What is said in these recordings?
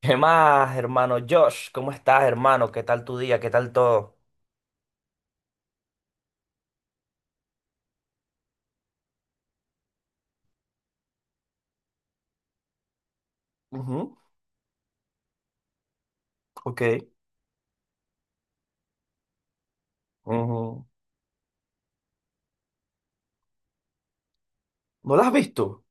¿Qué más, hermano Josh? ¿Cómo estás, hermano? ¿Qué tal tu día? ¿Qué tal todo? Ujú. Ok. Ujú. ¿No las has visto?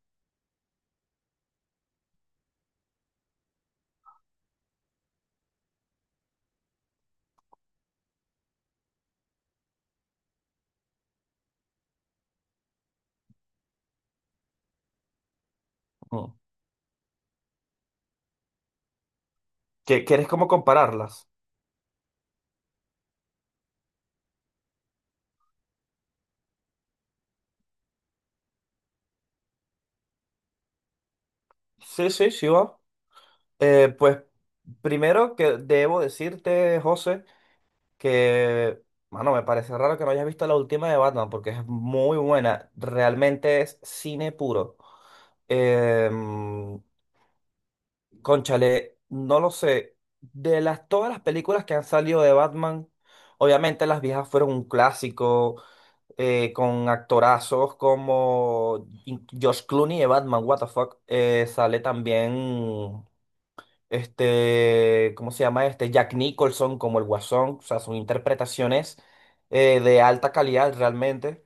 Ujú. ¿Quieres como compararlas? Sí, sí, sí, va. Pues primero que debo decirte, José, que, mano, me parece raro que no hayas visto la última de Batman porque es muy buena. Realmente es cine puro. Em, Conchale, no lo sé. Todas las películas que han salido de Batman, obviamente las viejas fueron un clásico, con actorazos como Josh Clooney de Batman, what the fuck. Sale también, ¿cómo se llama este? Jack Nicholson como el Guasón. O sea, son interpretaciones de alta calidad realmente.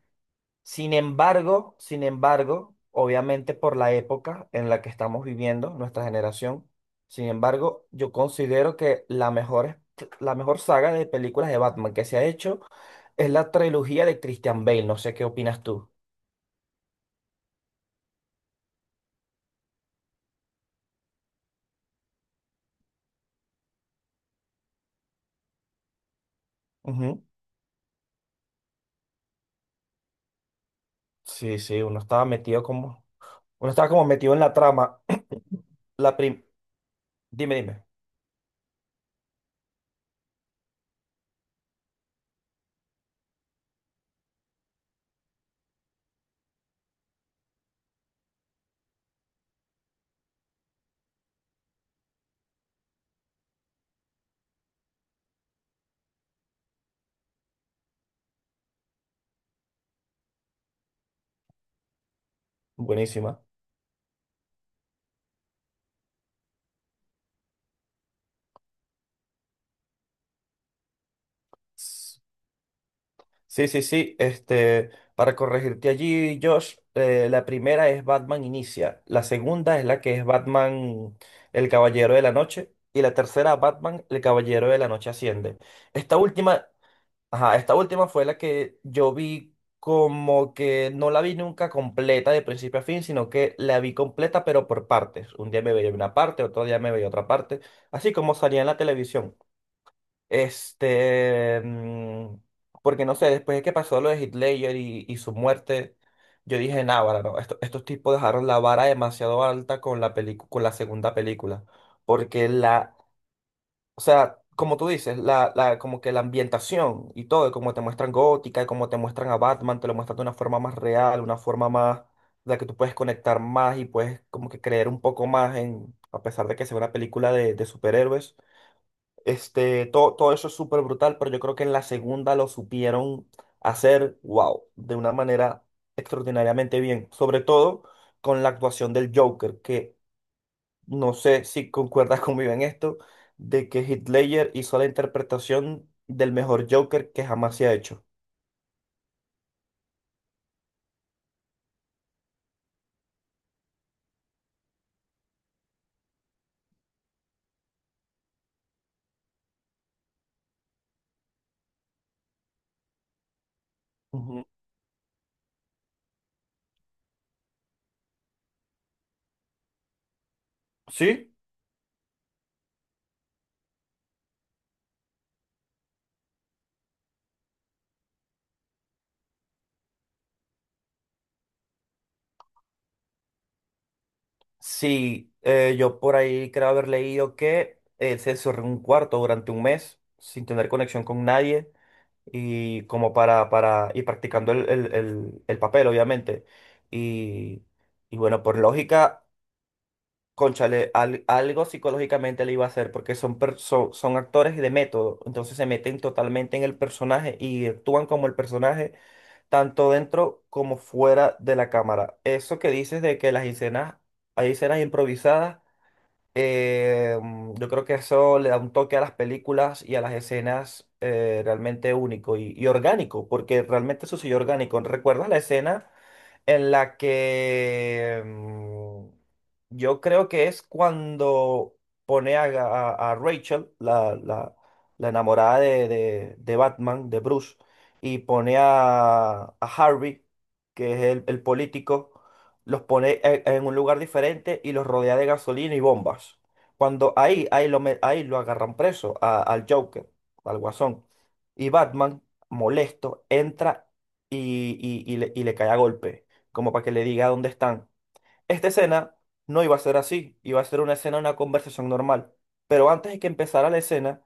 Sin embargo, obviamente por la época en la que estamos viviendo, nuestra generación, sin embargo, yo considero que la mejor saga de películas de Batman que se ha hecho es la trilogía de Christian Bale. No sé qué opinas tú. Ujú. Sí, sí, uno estaba como metido en la trama. La prim- dime, dime. Buenísima. Sí, sí, sí. Para corregirte allí, Josh, la primera es Batman Inicia, la segunda es la que es Batman el Caballero de la Noche y la tercera Batman el Caballero de la Noche Asciende. Esta última, ajá, esta última fue la que yo vi como que no la vi nunca completa de principio a fin, sino que la vi completa pero por partes. Un día me veía una parte, otro día me veía otra parte, así como salía en la televisión. Este, mm, porque no sé, después de que pasó lo de Heath Ledger y su muerte, yo dije, nah, vara, no, estos tipos dejaron la vara demasiado alta con la con la segunda película. Porque la, o sea, como tú dices, como que la ambientación y todo, y como te muestran Gótica, y como te muestran a Batman, te lo muestran de una forma más real, de la que tú puedes conectar más y puedes como que creer un poco más en, a pesar de que sea una película de superhéroes todo, todo eso es súper brutal, pero yo creo que en la segunda lo supieron hacer, wow, de una manera extraordinariamente bien. Sobre todo con la actuación del Joker, que no sé si concuerdas conmigo en esto, de que Heath Ledger hizo la interpretación del mejor Joker que jamás se ha hecho. Ujú. ¿Sí? Sí, yo por ahí creo haber leído que él se encerró en un cuarto durante un mes sin tener conexión con nadie y como para, y practicando el papel, obviamente. Y, y bueno, por lógica, cónchale, algo psicológicamente le iba a hacer, porque son actores de método, entonces se meten totalmente en el personaje y actúan como el personaje, tanto dentro como fuera de la cámara. Eso que dices de que las escenas, hay escenas improvisadas yo creo que eso le da un toque a las películas y a las escenas realmente único y orgánico, porque realmente sucedió orgánico. ¿Recuerdas la escena en la que yo creo que es cuando pone a Rachel, la enamorada de Batman, de Bruce, y pone a Harvey, que es el político, los pone en un lugar diferente y los rodea de gasolina y bombas? Cuando ahí lo agarran preso al Joker, al Guasón. Y Batman, molesto, entra y le cae a golpe como para que le diga dónde están. Esta escena no iba a ser así, iba a ser una escena, una conversación normal. Pero antes de que empezara la escena,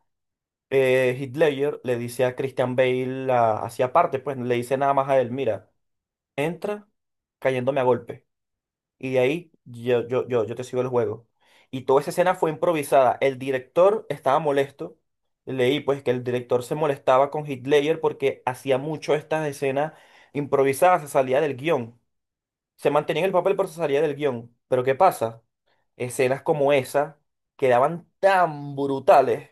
Heath Ledger le dice a Christian Bale, hacia aparte, pues le dice nada más a él, mira, entra cayéndome a golpe. Y de ahí yo te sigo el juego. Y toda esa escena fue improvisada. El director estaba molesto. Leí pues que el director se molestaba con Heath Ledger porque hacía mucho estas escenas improvisadas, se salía del guión. Se mantenía en el papel pero se salía del guión. Pero ¿qué pasa? Escenas como esa quedaban tan brutales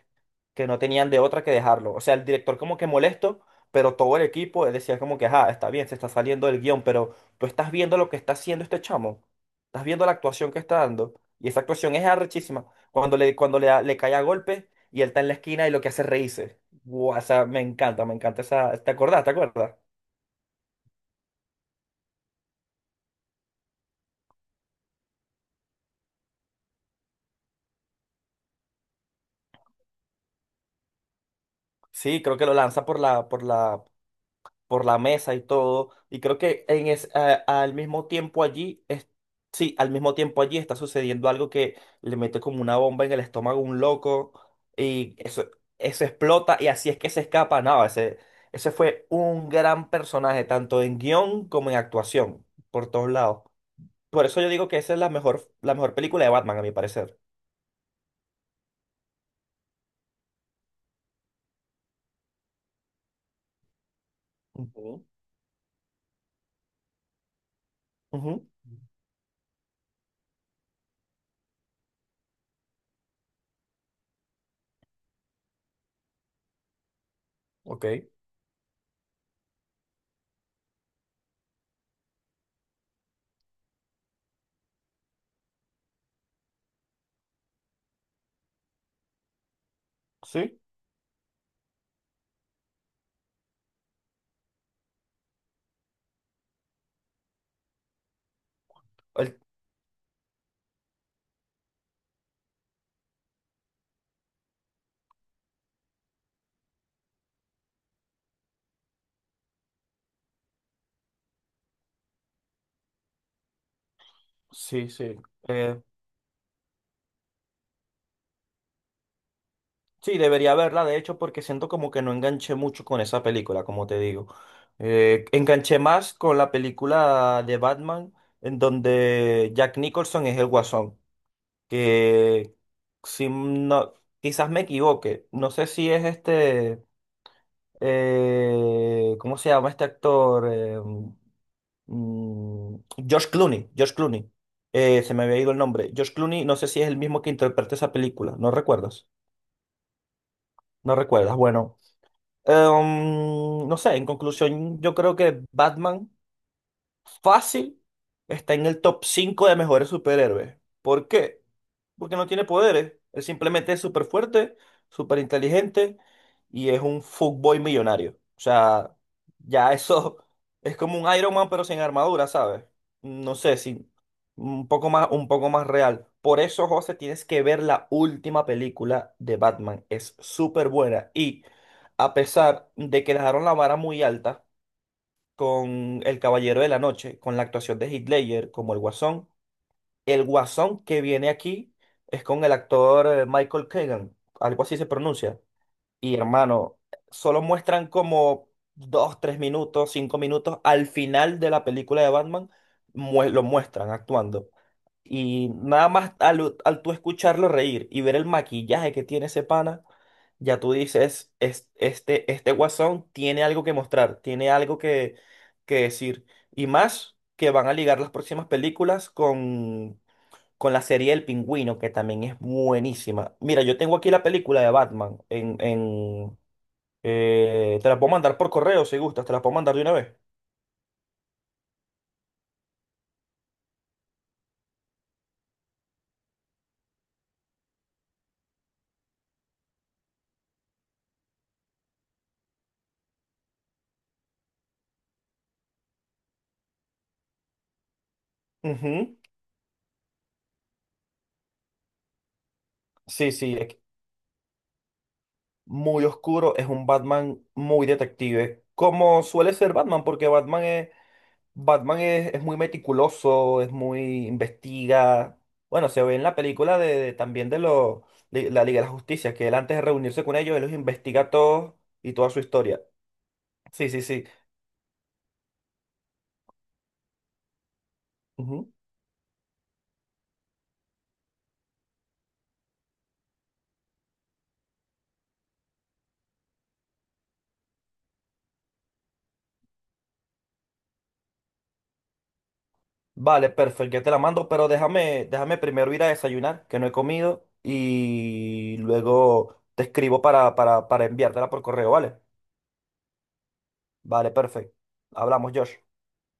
que no tenían de otra que dejarlo. O sea, el director como que molesto, pero todo el equipo él decía como que, ajá, está bien, se está saliendo del guión, pero tú estás viendo lo que está haciendo este chamo. Estás viendo la actuación que está dando. Y esa actuación es arrechísima. Le cae a golpe y él está en la esquina y lo que hace es reírse. Guau, o sea, me encanta esa. ¿Te acordás? ¿Te acuerdas? Sí, creo que lo lanza por la mesa y todo. Y creo que al mismo tiempo allí, sí, al mismo tiempo allí está sucediendo algo que le mete como una bomba en el estómago a un loco y eso explota y así es que se escapa. No, ese fue un gran personaje, tanto en guión como en actuación, por todos lados. Por eso yo digo que esa es la mejor película de Batman, a mi parecer. Ujú. Ujú. Ok. Sí. el- sí, sí. eh, Sí, debería verla, de hecho, porque siento como que no enganché mucho con esa película, como te digo. Enganché más con la película de Batman, en donde Jack Nicholson es el Guasón, que si no, quizás me equivoque, no sé si es este, ¿cómo se llama este actor? Mm, George Clooney, George Clooney. Se me había ido el nombre. George Clooney, no sé si es el mismo que interpreta esa película, ¿no recuerdas? ¿No recuerdas? Bueno. No sé, en conclusión, yo creo que Batman. Fácil está en el top 5 de mejores superhéroes. ¿Por qué? Porque no tiene poderes. Él simplemente es súper fuerte, súper inteligente y es un fuckboy millonario. O sea, ya eso es como un Iron Man pero sin armadura, ¿sabes? No sé, si un poco más, un poco más real. Por eso, José, tienes que ver la última película de Batman. Es súper buena y, a pesar de que dejaron la vara muy alta con El Caballero de la Noche, con la actuación de Heath Ledger como el Guasón, el Guasón que viene aquí es con el actor Michael Keegan, algo así se pronuncia. Y hermano, solo muestran como 2, 3 minutos, 5 minutos al final de la película de Batman, lo muestran actuando. Y nada más al tú escucharlo reír y ver el maquillaje que tiene ese pana, ya tú dices, "Este guasón tiene algo que mostrar, tiene algo que decir". Y más que van a ligar las próximas películas con la serie El Pingüino, que también es buenísima. Mira, yo tengo aquí la película de Batman. Te la puedo mandar por correo si gustas, te la puedo mandar de una vez. Ujú. Sí, sí, muy oscuro, es un Batman muy detective, como suele ser Batman, porque Batman es, Batman es muy meticuloso, es muy investiga. Bueno, se ve en la película también de la Liga de la Justicia, que él antes de reunirse con ellos, él los investiga a todos y toda su historia. Sí, sí, sí. Ujú. Vale, perfecto, ya te la mando, pero déjame primero ir a desayunar, que no he comido, y luego te escribo para, para enviártela por correo, ¿vale? Vale, perfecto. Hablamos, Josh.